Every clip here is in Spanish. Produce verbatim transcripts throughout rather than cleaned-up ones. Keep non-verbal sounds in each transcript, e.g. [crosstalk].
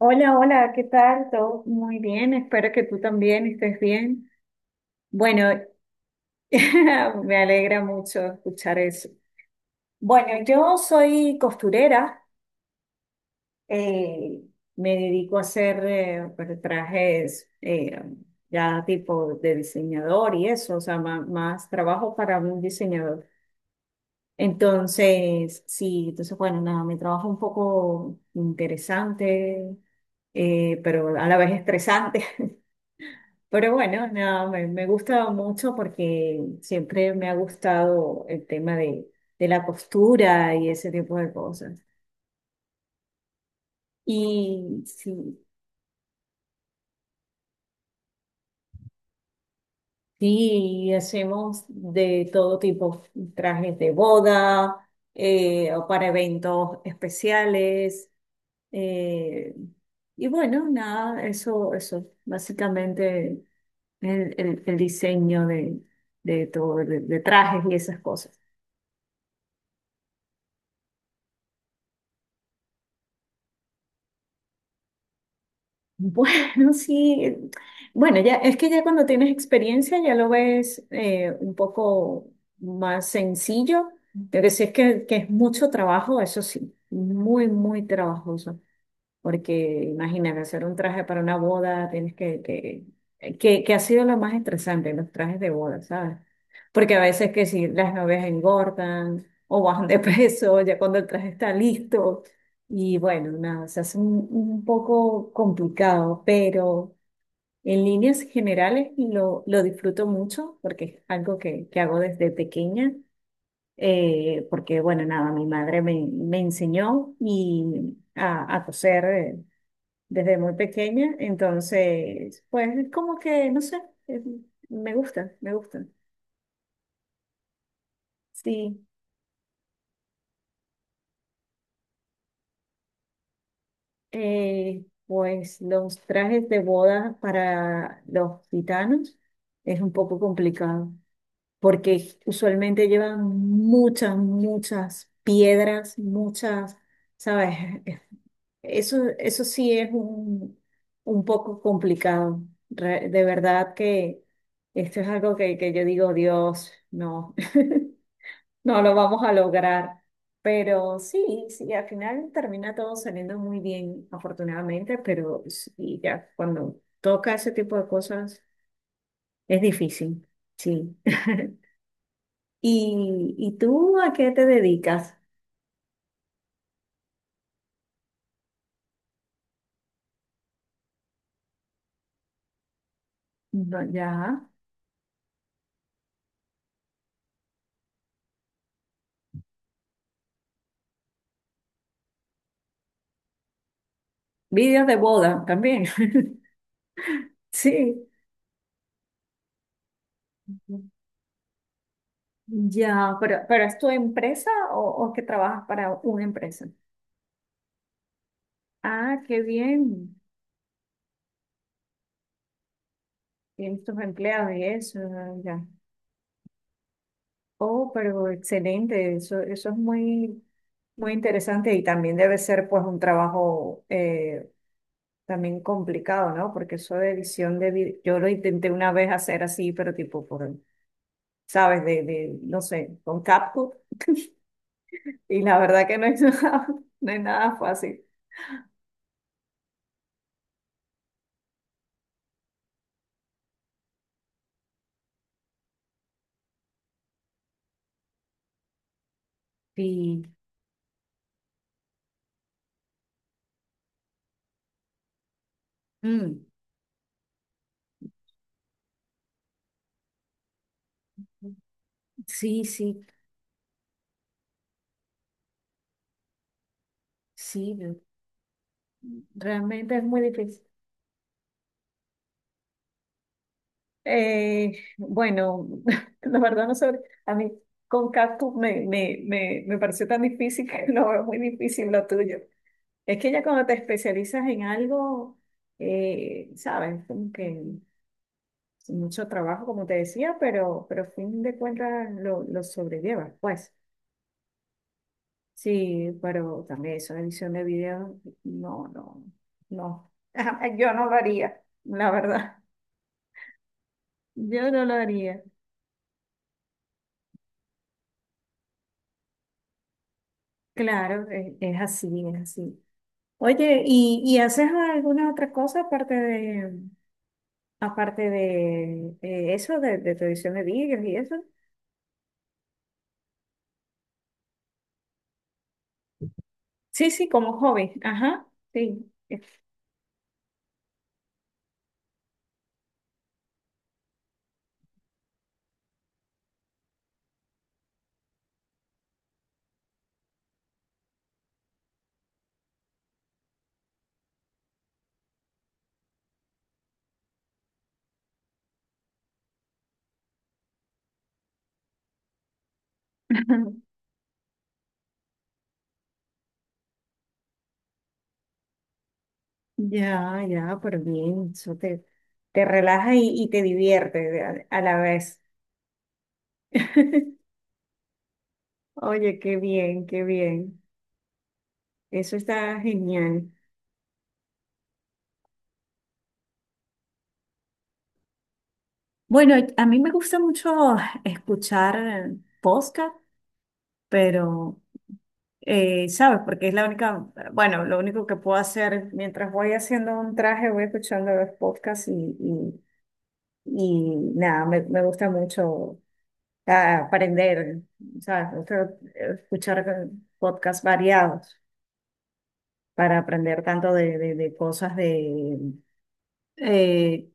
Hola, hola, ¿qué tal? Todo muy bien, espero que tú también estés bien. Bueno, [laughs] me alegra mucho escuchar eso. Bueno, yo soy costurera, eh, me dedico a hacer eh, pues, trajes eh, ya tipo de diseñador y eso, o sea, ma- más, trabajo para un diseñador. Entonces, sí, entonces, bueno, nada, mi trabajo es un poco interesante, eh, pero a la vez estresante. Pero bueno, nada, me, me gusta mucho porque siempre me ha gustado el tema de, de la costura y ese tipo de cosas. Y sí, sí, hacemos de todo tipo, trajes de boda, eh, o para eventos especiales. eh, y bueno, nada, eso, eso, básicamente el, el- el diseño de, de todo, de de trajes y esas cosas. Bueno, [laughs] sí. Bueno, ya es que ya cuando tienes experiencia ya lo ves eh, un poco más sencillo. Lo que sí es que, que es mucho trabajo, eso sí, muy, muy trabajoso porque imagínate, hacer un traje para una boda, tienes que, que, eh, que, que ha sido lo más estresante, los trajes de boda, ¿sabes? Porque a veces que si las novias engordan o bajan de [laughs] peso, ya cuando el traje está listo, y bueno, nada, se hace un, un poco complicado, pero en líneas generales lo, lo disfruto mucho porque es algo que, que hago desde pequeña. Eh, porque bueno, nada, mi madre me, me enseñó y a, a coser, eh, desde muy pequeña, entonces, pues es como que, no sé, es- me gusta, me gusta. Sí, eh, pues los trajes de boda para los gitanos es un poco complicado, porque usualmente llevan muchas, muchas piedras, muchas, ¿sabes? Eso, eso sí es un, un poco complicado. Re- De verdad que esto es algo que, que yo digo, Dios, no. [laughs] No lo vamos a lograr, pero sí, sí, al final termina todo saliendo muy bien, afortunadamente, pero sí, ya cuando toca ese tipo de cosas es difícil, sí. [laughs] ¿Y, y tú a qué te dedicas? No, ya, vídeos de boda también, [laughs] sí. Ya, pero, pero ¿es tu empresa o, o que trabajas para una empresa? Ah, qué bien, tienes tus empleados y eso, ya. Oh, pero excelente, eso, eso es muy, muy interesante y también debe ser pues un trabajo eh, también complicado, ¿no? Porque eso de edición de video, yo lo intenté una vez hacer así, pero tipo por, ¿sabes? De, de, no sé, con CapCut y la verdad que no es [laughs] nada, no es nada fácil. Sí, mm, sí, sí, sí, realmente es muy difícil. Eh, bueno, [laughs] la verdad no sé, a mí con cactus me, me, me, me pareció tan difícil [laughs] que lo veo muy difícil lo tuyo. Es que ya cuando te especializas en algo, eh, sabes, como que es mucho trabajo, como te decía, pero, pero a fin de cuentas lo, lo sobrellevas, pues. Sí, pero también eso, edición de video, no, no, no. [laughs] Yo no lo haría, la verdad. Yo no lo haría. Claro, es, es así, es así. Oye, ¿y, y haces alguna otra cosa aparte de, aparte de eh, eso, de, de tu edición de vídeos y eso? Sí, sí, como hobby. Ajá, sí. [laughs] Ya, ya, pero bien, eso te, te relaja y, y te divierte de- a, a la vez. [laughs] Oye, qué bien, qué bien. Eso está genial. Bueno, a mí me gusta mucho escuchar eh, podcast, pero… eh, ¿sabes? Porque es la única, bueno, lo único que puedo hacer mientras voy haciendo un traje, voy escuchando los podcasts y, y, y nada, me, me gusta mucho ah, aprender, ¿sabes? Me gusta eh, escuchar eh, podcasts variados para aprender tanto de, de, de cosas de, eh,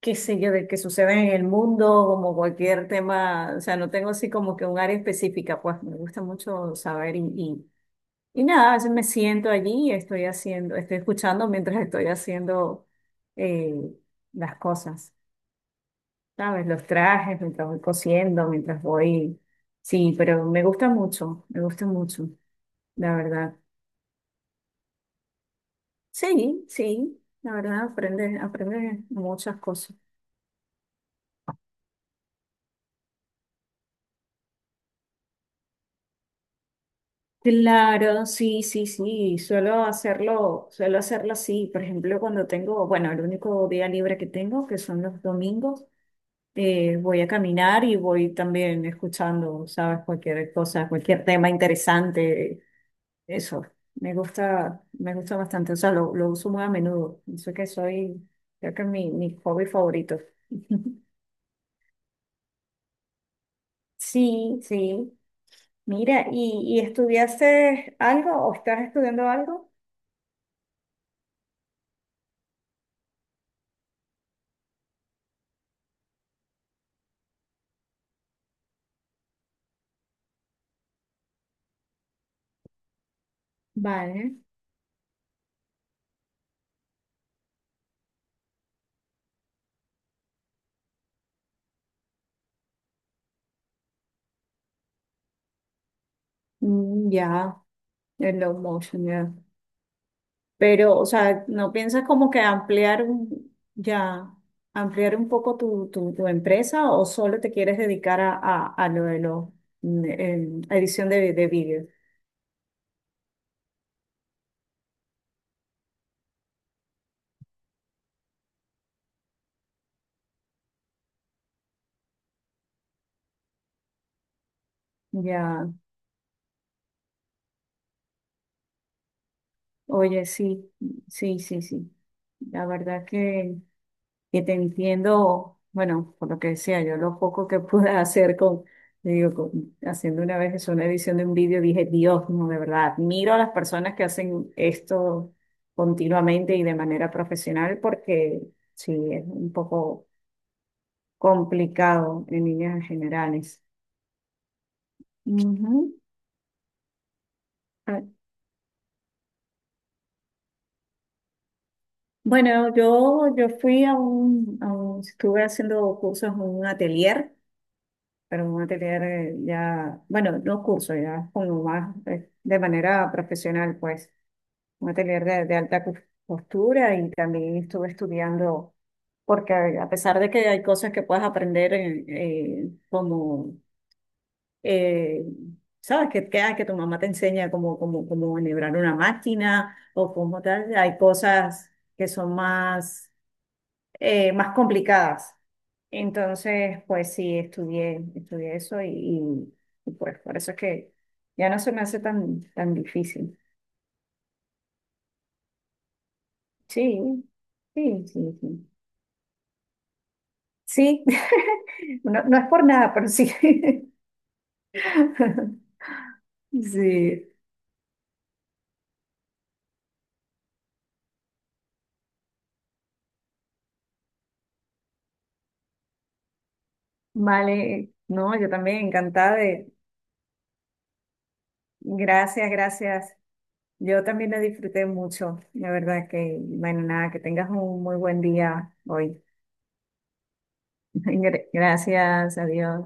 qué sé yo, de que suceden en el mundo, como cualquier tema, o sea, no tengo así como que un área específica, pues me gusta mucho saber y, Y nada, yo me siento allí y estoy haciendo, estoy escuchando mientras estoy haciendo eh, las cosas, ¿sabes? Los trajes, mientras voy cosiendo, mientras voy… Sí, pero me gusta mucho, me gusta mucho, la verdad. Sí, sí, la verdad, aprende, aprende muchas cosas. Claro, sí, sí, sí, suelo hacerlo, suelo hacerlo así, por ejemplo, cuando tengo, bueno, el único día libre que tengo, que son los domingos, eh, voy a caminar y voy también escuchando, ¿sabes? Cualquier cosa, cualquier tema interesante, eso. Me gusta, me gusta bastante, o sea, lo, lo uso muy a menudo. Eso que soy, creo que es mi, mi hobby favorito. [laughs] Sí, sí. Mira, ¿y, y estudiaste algo o estás estudiando algo? Vale. Mm, ya, el low motion, ya. Pero, o sea, ¿no piensas como que ampliar un, ya, ampliar un poco tu, tu, tu empresa o solo te quieres dedicar a, a, a lo de lo, mm, em, edición de, de vídeo? Ya, oye, sí, sí, sí, sí. La verdad que que te entiendo, bueno, por lo que decía, yo lo poco que [laughs] pude hacer con, le digo, con- haciendo una vez eso, una edición de un vídeo, dije, Dios, no, de verdad, admiro a las personas que hacen esto continuamente y de manera profesional porque sí, es un poco complicado en líneas generales. Ujú. Ah, bueno, yo, yo fui a un, a un- estuve haciendo cursos en un atelier pero vamos a tener eh, ya, bueno, no cursos, ya como más eh, de manera profesional, pues, un atelier de, de alta cos- costura y también estuve estudiando, porque a a pesar de que hay cosas que puedes aprender eh, eh, como, eh, sabes, que, que, ah, que tu mamá te enseña cómo, cómo, cómo enhebrar una máquina o cómo tal, hay cosas que son más, eh, más complicadas entonces, pues sí, estudié, estudié eso y, y- y, pues por eso es que ya no se me hace tan, tan difícil. Sí, sí, sí, sí. Sí, [laughs] no, no es por nada, pero sí. [laughs] Sí, vale. No, yo también encantada de… Gracias, gracias. Yo también la disfruté mucho. La verdad que, bueno, nada, que tengas un muy buen día hoy. [laughs] Gra- Gracias, adiós.